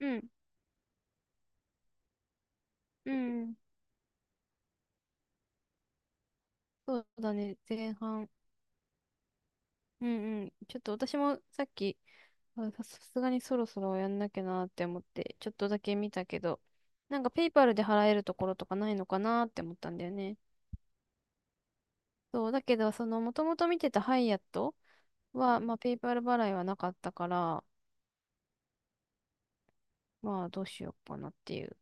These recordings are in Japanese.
うん、うん、そうだね、前半。うんうん。ちょっと私もさっき、さすがにそろそろやんなきゃなって思って、ちょっとだけ見たけど、なんかペイパルで払えるところとかないのかなって思ったんだよね。そう、だけど、その、もともと見てたハイアットは、まあ、ペイパル払いはなかったから、まあ、どうしようかなっていう。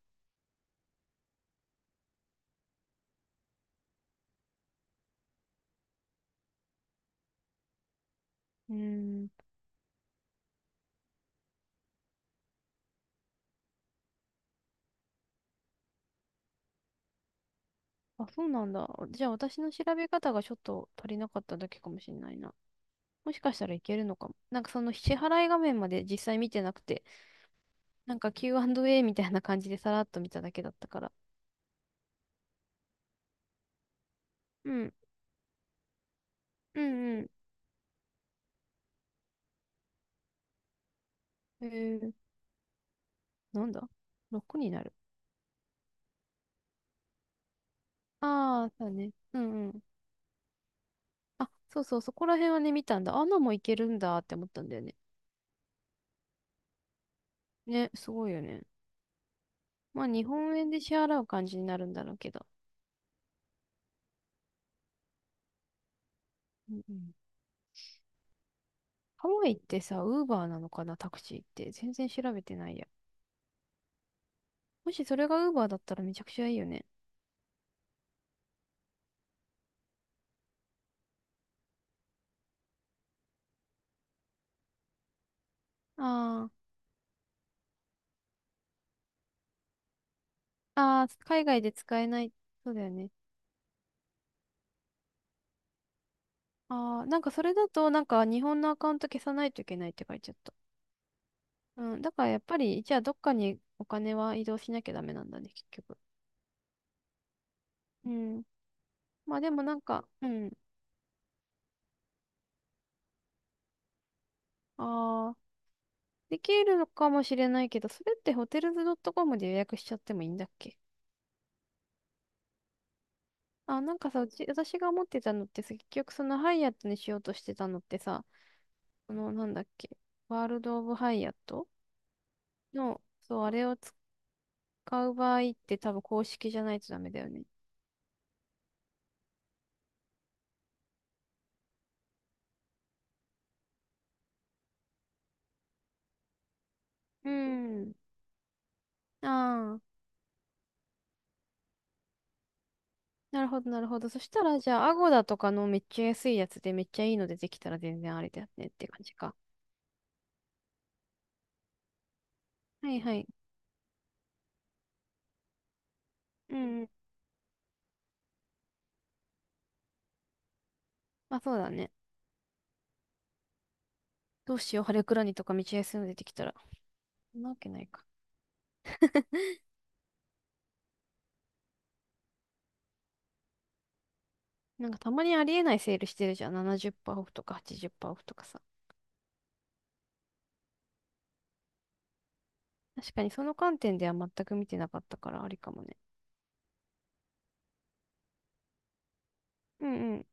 うーん。あ、そうなんだ。じゃあ、私の調べ方がちょっと足りなかっただけかもしれないな。もしかしたらいけるのかも。なんかその支払い画面まで実際見てなくて、なんか Q&A みたいな感じでさらっと見ただけだったから。うん。うんうん。えー、なんだ ?6 になる。ああ、そうだね。うんうん。あ、そうそう、そこら辺はね、見たんだ。アナもいけるんだって思ったんだよね。ね、すごいよね。まあ、日本円で支払う感じになるんだろうけど。うんうん。ハワイってさ、ウーバーなのかな、タクシーって。全然調べてないや。もしそれがウーバーだったらめちゃくちゃいいよね。ああ、ああ、海外で使えない。そうだよね。ああ、なんかそれだと、なんか日本のアカウント消さないといけないって書いちゃった。うん、だからやっぱり、じゃあどっかにお金は移動しなきゃダメなんだね、結局。うん。まあでもなんか、うん。ああ、できるのかもしれないけど、それってホテルズ .com で予約しちゃってもいいんだっけ？あ、なんかさ、うち、私が思ってたのってさ、結局そのハイアットにしようとしてたのってさ、このなんだっけ、ワールド・オブ・ハイアットの、そう、あれを使う場合って多分公式じゃないとダメだよね。うん。ああ。なるほど、なるほど。そしたら、じゃあ、アゴダとかのめっちゃ安いやつでめっちゃいいの出てきたら全然あれだよねって感じか。はいはい。うんうん。まあそうだね。どうしよう、ハレクラニとかめっちゃ安いの出てきたら。そんなわけないか。なんかたまにありえないセールしてるじゃん。70%オフとか80%オフとかさ。確かにその観点では全く見てなかったからありかもね。うんうん。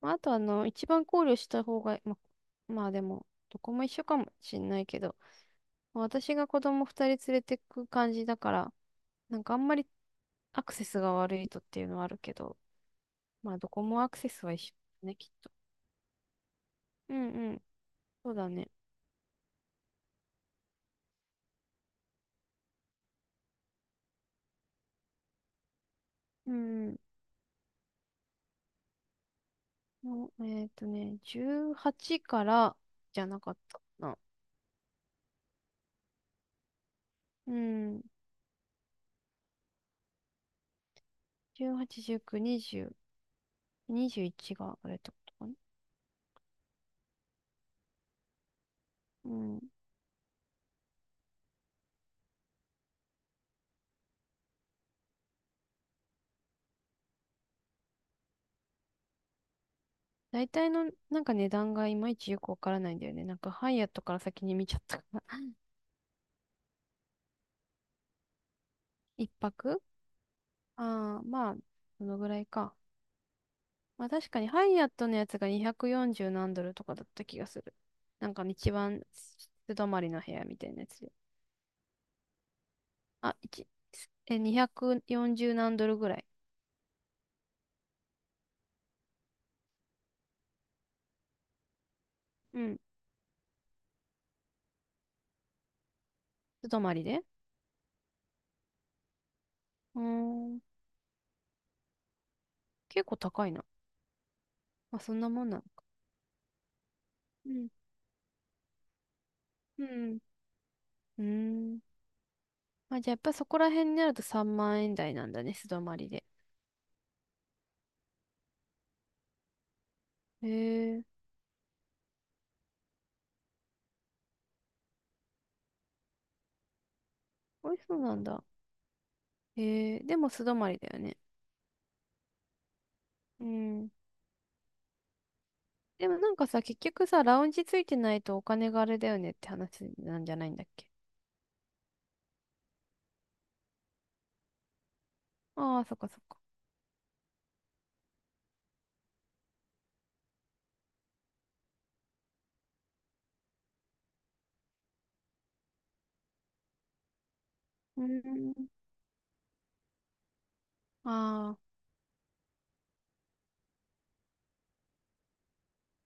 まあ、あとあの、一番考慮した方が、ま、まあでも、どこも一緒かもしんないけど、まあ私が子供二人連れてく感じだから、なんかあんまりアクセスが悪いとっていうのはあるけど、まあどこもアクセスは一緒だね、きっと。うんうん、そうだね。うんうん、もう18からじゃなかったかな。うん、18、19、20、21があれってことかな。うん。大体のなんか値段がいまいちよくわからないんだよね。なんかハイアットから先に見ちゃったから。一泊。ああー、まあ、そのぐらいか。まあ確かにハイアットのやつが240何ドルとかだった気がする。なんか一番素泊まりの部屋みたいなやつで。あ、1、え、240何ドルぐらい。うん。素泊まりで。うーん。結構高いな。まあそんなもんなのか。うん。うん。うーん。まあじゃあやっぱそこら辺になると3万円台なんだね、素泊まりで。へえ。美味しそうなんだ。へえ。でも素泊まりだよね。うん。でもなんかさ、結局さ、ラウンジついてないとお金があれだよねって話なんじゃないんだっけ？ああー、そっかそっか。うーん。あ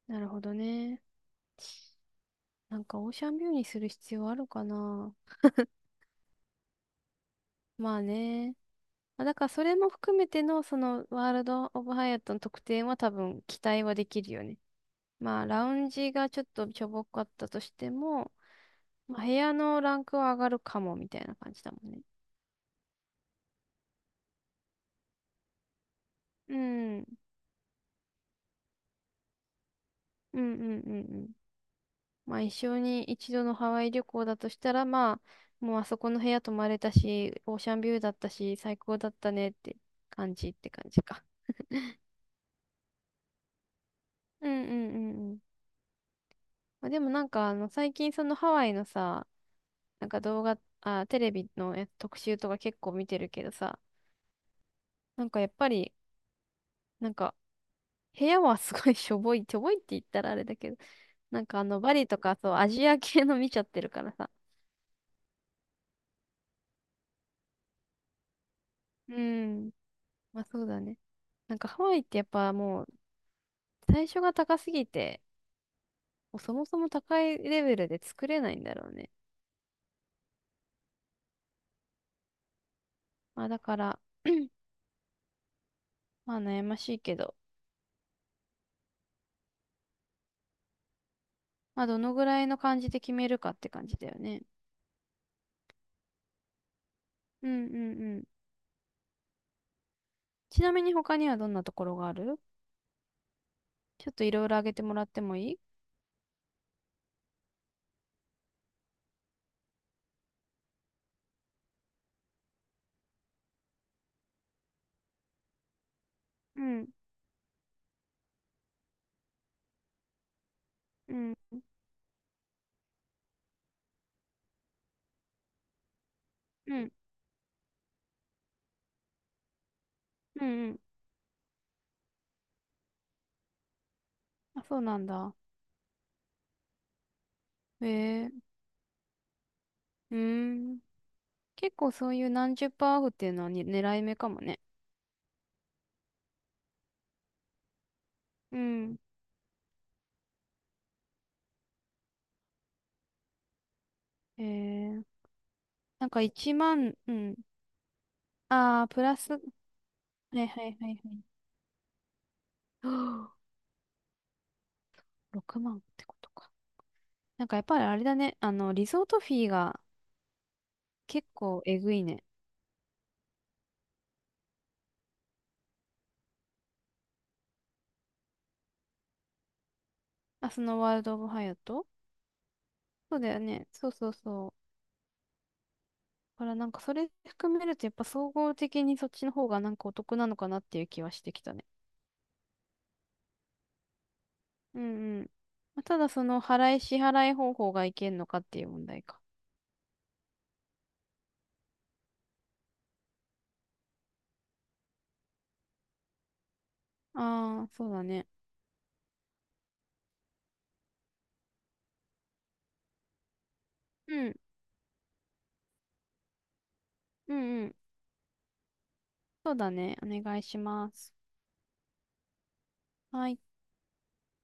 あ、なるほどね。なんかオーシャンビューにする必要あるかな。まあね。まあだからそれも含めてのそのワールド・オブ・ハイアットの特典は多分期待はできるよね。まあラウンジがちょっとしょぼかったとしても、まあ、部屋のランクは上がるかもみたいな感じだもんね。うん。うんうんうんうん。まあ一生に一度のハワイ旅行だとしたら、まあ、もうあそこの部屋泊まれたし、オーシャンビューだったし、最高だったねって感じって感じか。うんうんうんうん。まあ、でもなんかあの最近そのハワイのさ、なんか動画、あ、テレビのや特集とか結構見てるけどさ、なんかやっぱり、なんか部屋はすごい しょぼい、しょぼいって言ったらあれだけど、なんかあのバリとかそうアジア系の見ちゃってるからさ。うん。まあそうだね。なんかハワイってやっぱもう最初が高すぎて、もうそもそも高いレベルで作れないんだろうね。まあだから、まあ悩ましいけど、まあどのぐらいの感じで決めるかって感じだよね。うんうんうん。ちなみに他にはどんなところがある？ちょっといろいろ挙げてもらってもいい？うんうんうんうんうん。あ、そうなんだ。へえ、うーん。結構そういう何十パーオフっていうのはに狙い目かもね。うん。へえ、なんか1万、うん。ああ、プラス、はいはいはいはい。はあ6万ってことか。なんかやっぱりあれだね。あの、リゾートフィーが結構えぐいね。あ、そのワールド・オブ・ハヤト？そうだよね。そうそうそう。だからなんかそれ含めるとやっぱ総合的にそっちの方がなんかお得なのかなっていう気はしてきたね。うんうん。まあ、ただその払い支払い方法がいけんのかっていう問題か。ああ、そうだね。うん。うんうん。そうだね。お願いします。はい。